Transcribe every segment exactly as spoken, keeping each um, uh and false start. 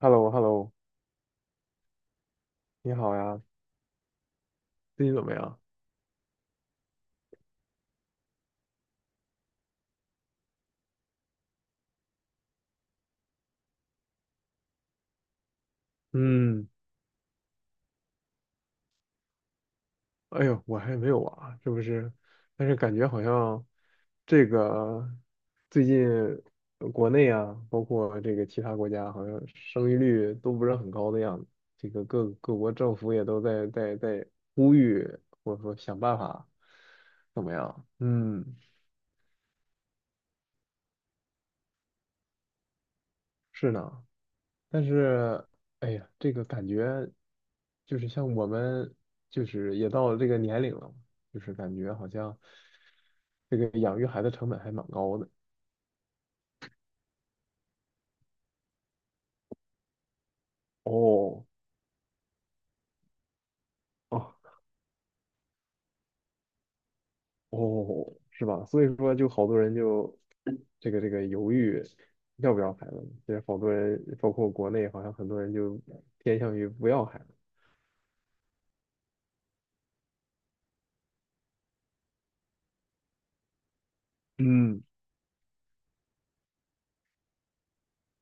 h e l l o h e l l o 你好呀，最近怎么样？嗯，哎呦，我还没有啊，是不是？但是感觉好像这个最近呃国内啊，包括这个其他国家，好像生育率都不是很高的样子。这个各各国政府也都在在在呼吁，或者说想办法，怎么样？嗯，是呢。但是，哎呀，这个感觉就是像我们，就是也到了这个年龄了嘛，就是感觉好像这个养育孩子成本还蛮高的。哦，哦，哦，是吧？所以说，就好多人就这个这个犹豫要不要孩子。其实好多人，包括国内，好像很多人就偏向于不要孩子。嗯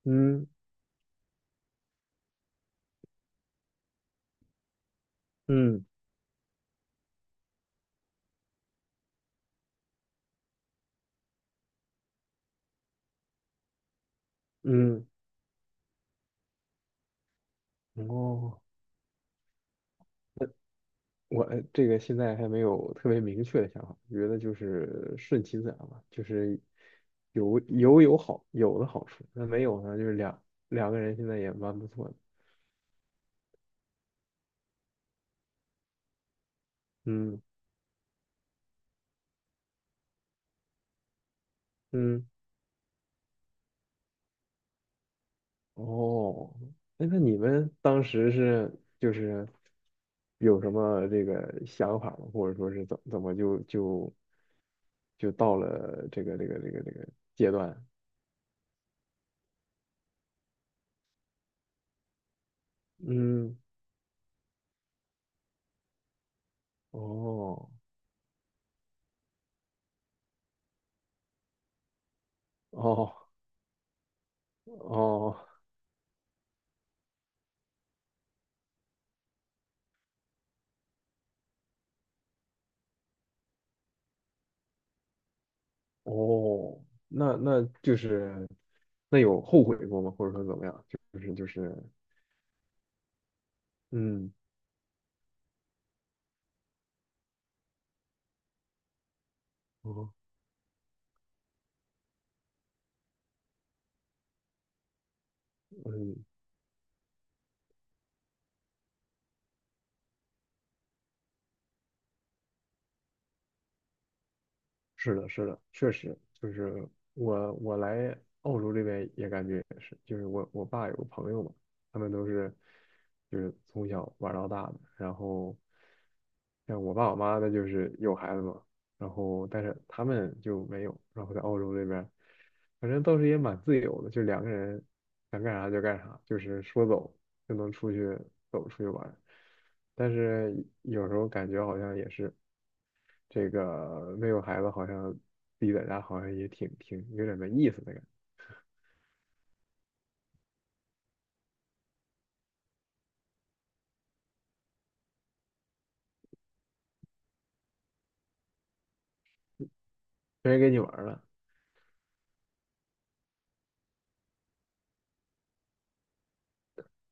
嗯嗯嗯，哦。我呃这个现在还没有特别明确的想法，觉得就是顺其自然吧，就是有有有好有的好处，那没有呢，就是两两个人现在也蛮不错的，嗯嗯，哦，哎，那你们当时是就是有什么这个想法吗？或者说是怎怎么就就就到了这个这个这个这个阶段？嗯，哦哦哦。哦，那那就是那有后悔过吗？或者说怎么样？就是就是，嗯，哦，嗯，是的，是的，确实就是我我来澳洲这边也感觉也是，就是我我爸有个朋友嘛，他们都是就是从小玩到大的，然后像我爸我妈的就是有孩子嘛，然后但是他们就没有，然后在澳洲这边，反正倒是也蛮自由的，就两个人想干啥就干啥，就是说走就能出去走出去玩儿但是有时候感觉好像也是。这个没有孩子好像自己在家好像也挺挺有点没意思的感觉，没人跟你玩儿了，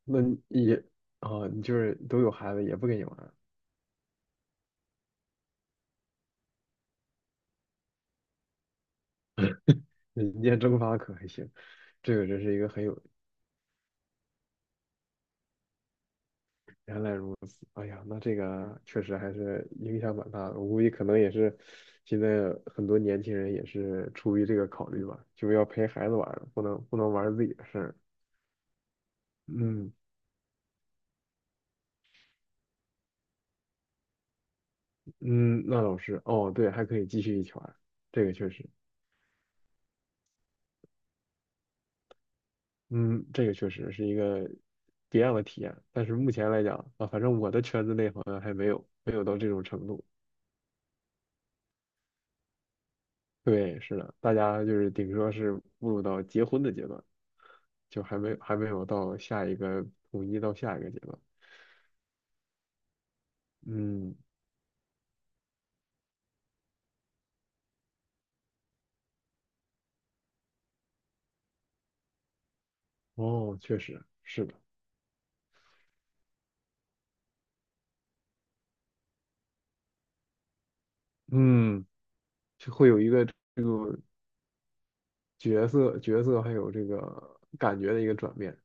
那你也啊、你就是都有孩子也不跟你玩儿，人间蒸发可还行，这个真是一个很有原来，哎呀，那这个确实还是影响蛮大的，我估计可能也是现在很多年轻人也是出于这个考虑吧，就是要陪孩子玩儿不能不能玩儿自己的事儿，嗯嗯，那倒是，哦对，还可以继续一起玩儿这个确实。嗯，这个确实是一个别样的体验，但是目前来讲啊，反正我的圈子内好像还没有没有到这种程度。对，是的，大家就是顶多是步入到结婚的阶段，就还没还没有到下一个统一到下一个阶段。嗯，哦，确实是的，嗯，就会有一个角色角色还有这个感觉的一个转变。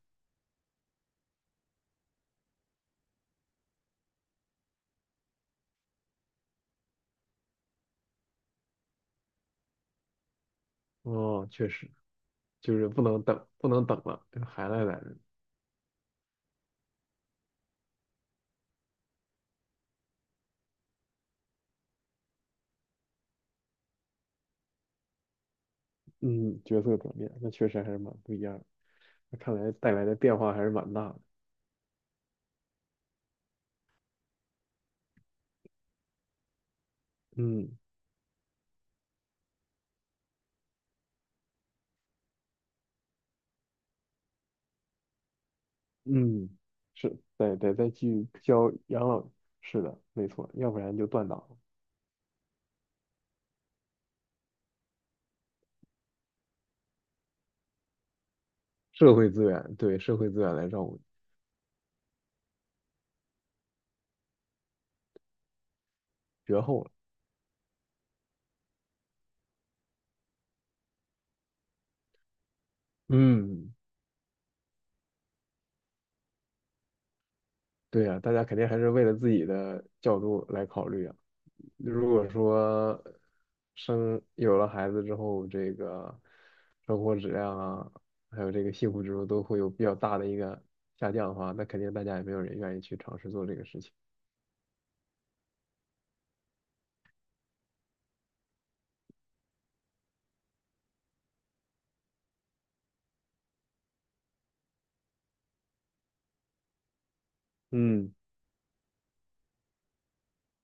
哦，确实，就是不能等不能等了，这个还来来，嗯，角色转变，那确实还是蛮不一样的。那看来带来的变化还是蛮大的。嗯嗯，是，得得再去交养老，是的，没错，要不然就断档了。社会资源，对社会资源来照顾，绝后了。嗯，对呀，大家肯定还是为了自己的角度来考虑啊。如果说生有了孩子之后，这个生活质量啊，还有这个幸福指数都会有比较大的一个下降的话，那肯定大家也没有人愿意去尝试做这个事情。嗯。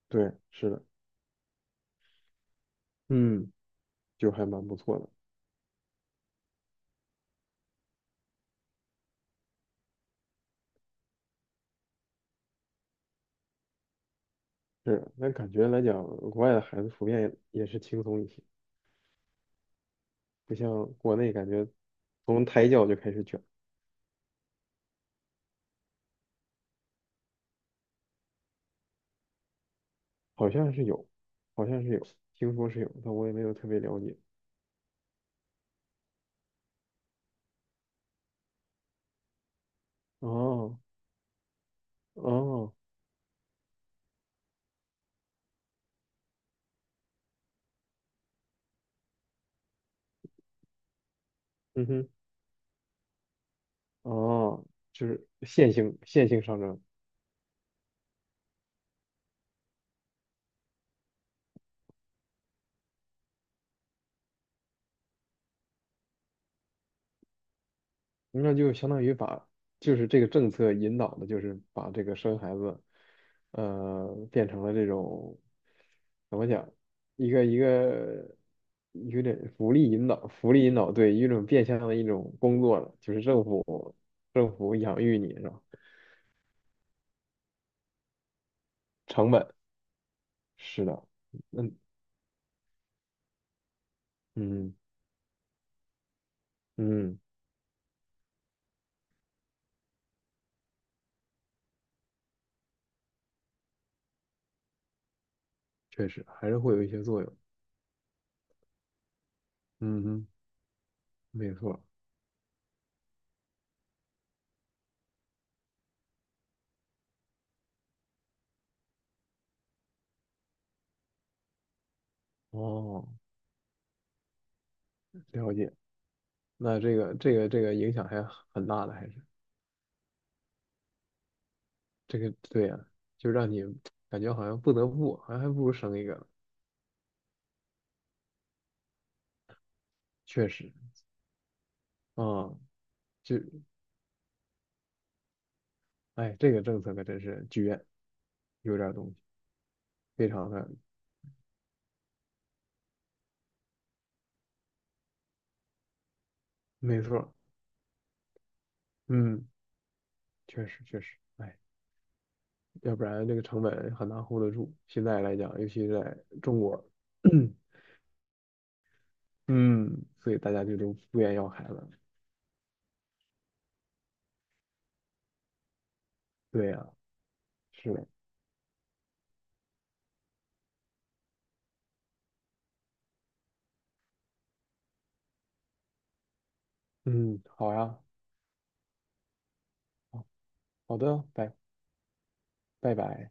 对，是的，嗯，就还蛮不错的。是的那感觉来讲，国外的孩子普遍也是轻松一些，不像国内感觉从胎教就开始卷，好像是有，好像是有，听说是有，但我也没有特别了解。哦，哦，嗯哼，哦，就是线性线性上升，那就相当于把，就是这个政策引导的，就是把这个生孩子，呃，变成了这种，怎么讲，一个一个有点福利引导，福利引导，对，一种变相的一种工作了，就是政府政府养育你是吧？成本是的，嗯嗯嗯，确实还是会有一些作用，嗯哼，没错，哦，了解，那这个这个这个影响还很大的，还是。这个对呀、就让你感觉好像不得不，好像还不如生一个呢确实，啊、就哎，这个政策可真是绝，有点东西，非常的没错，嗯，确实确实，哎，要不然这个成本很难 hold 得住。现在来讲，尤其是在中国，嗯，所以大家就都不愿意要孩子了对呀、是的，嗯，好呀，好好的，拜拜拜。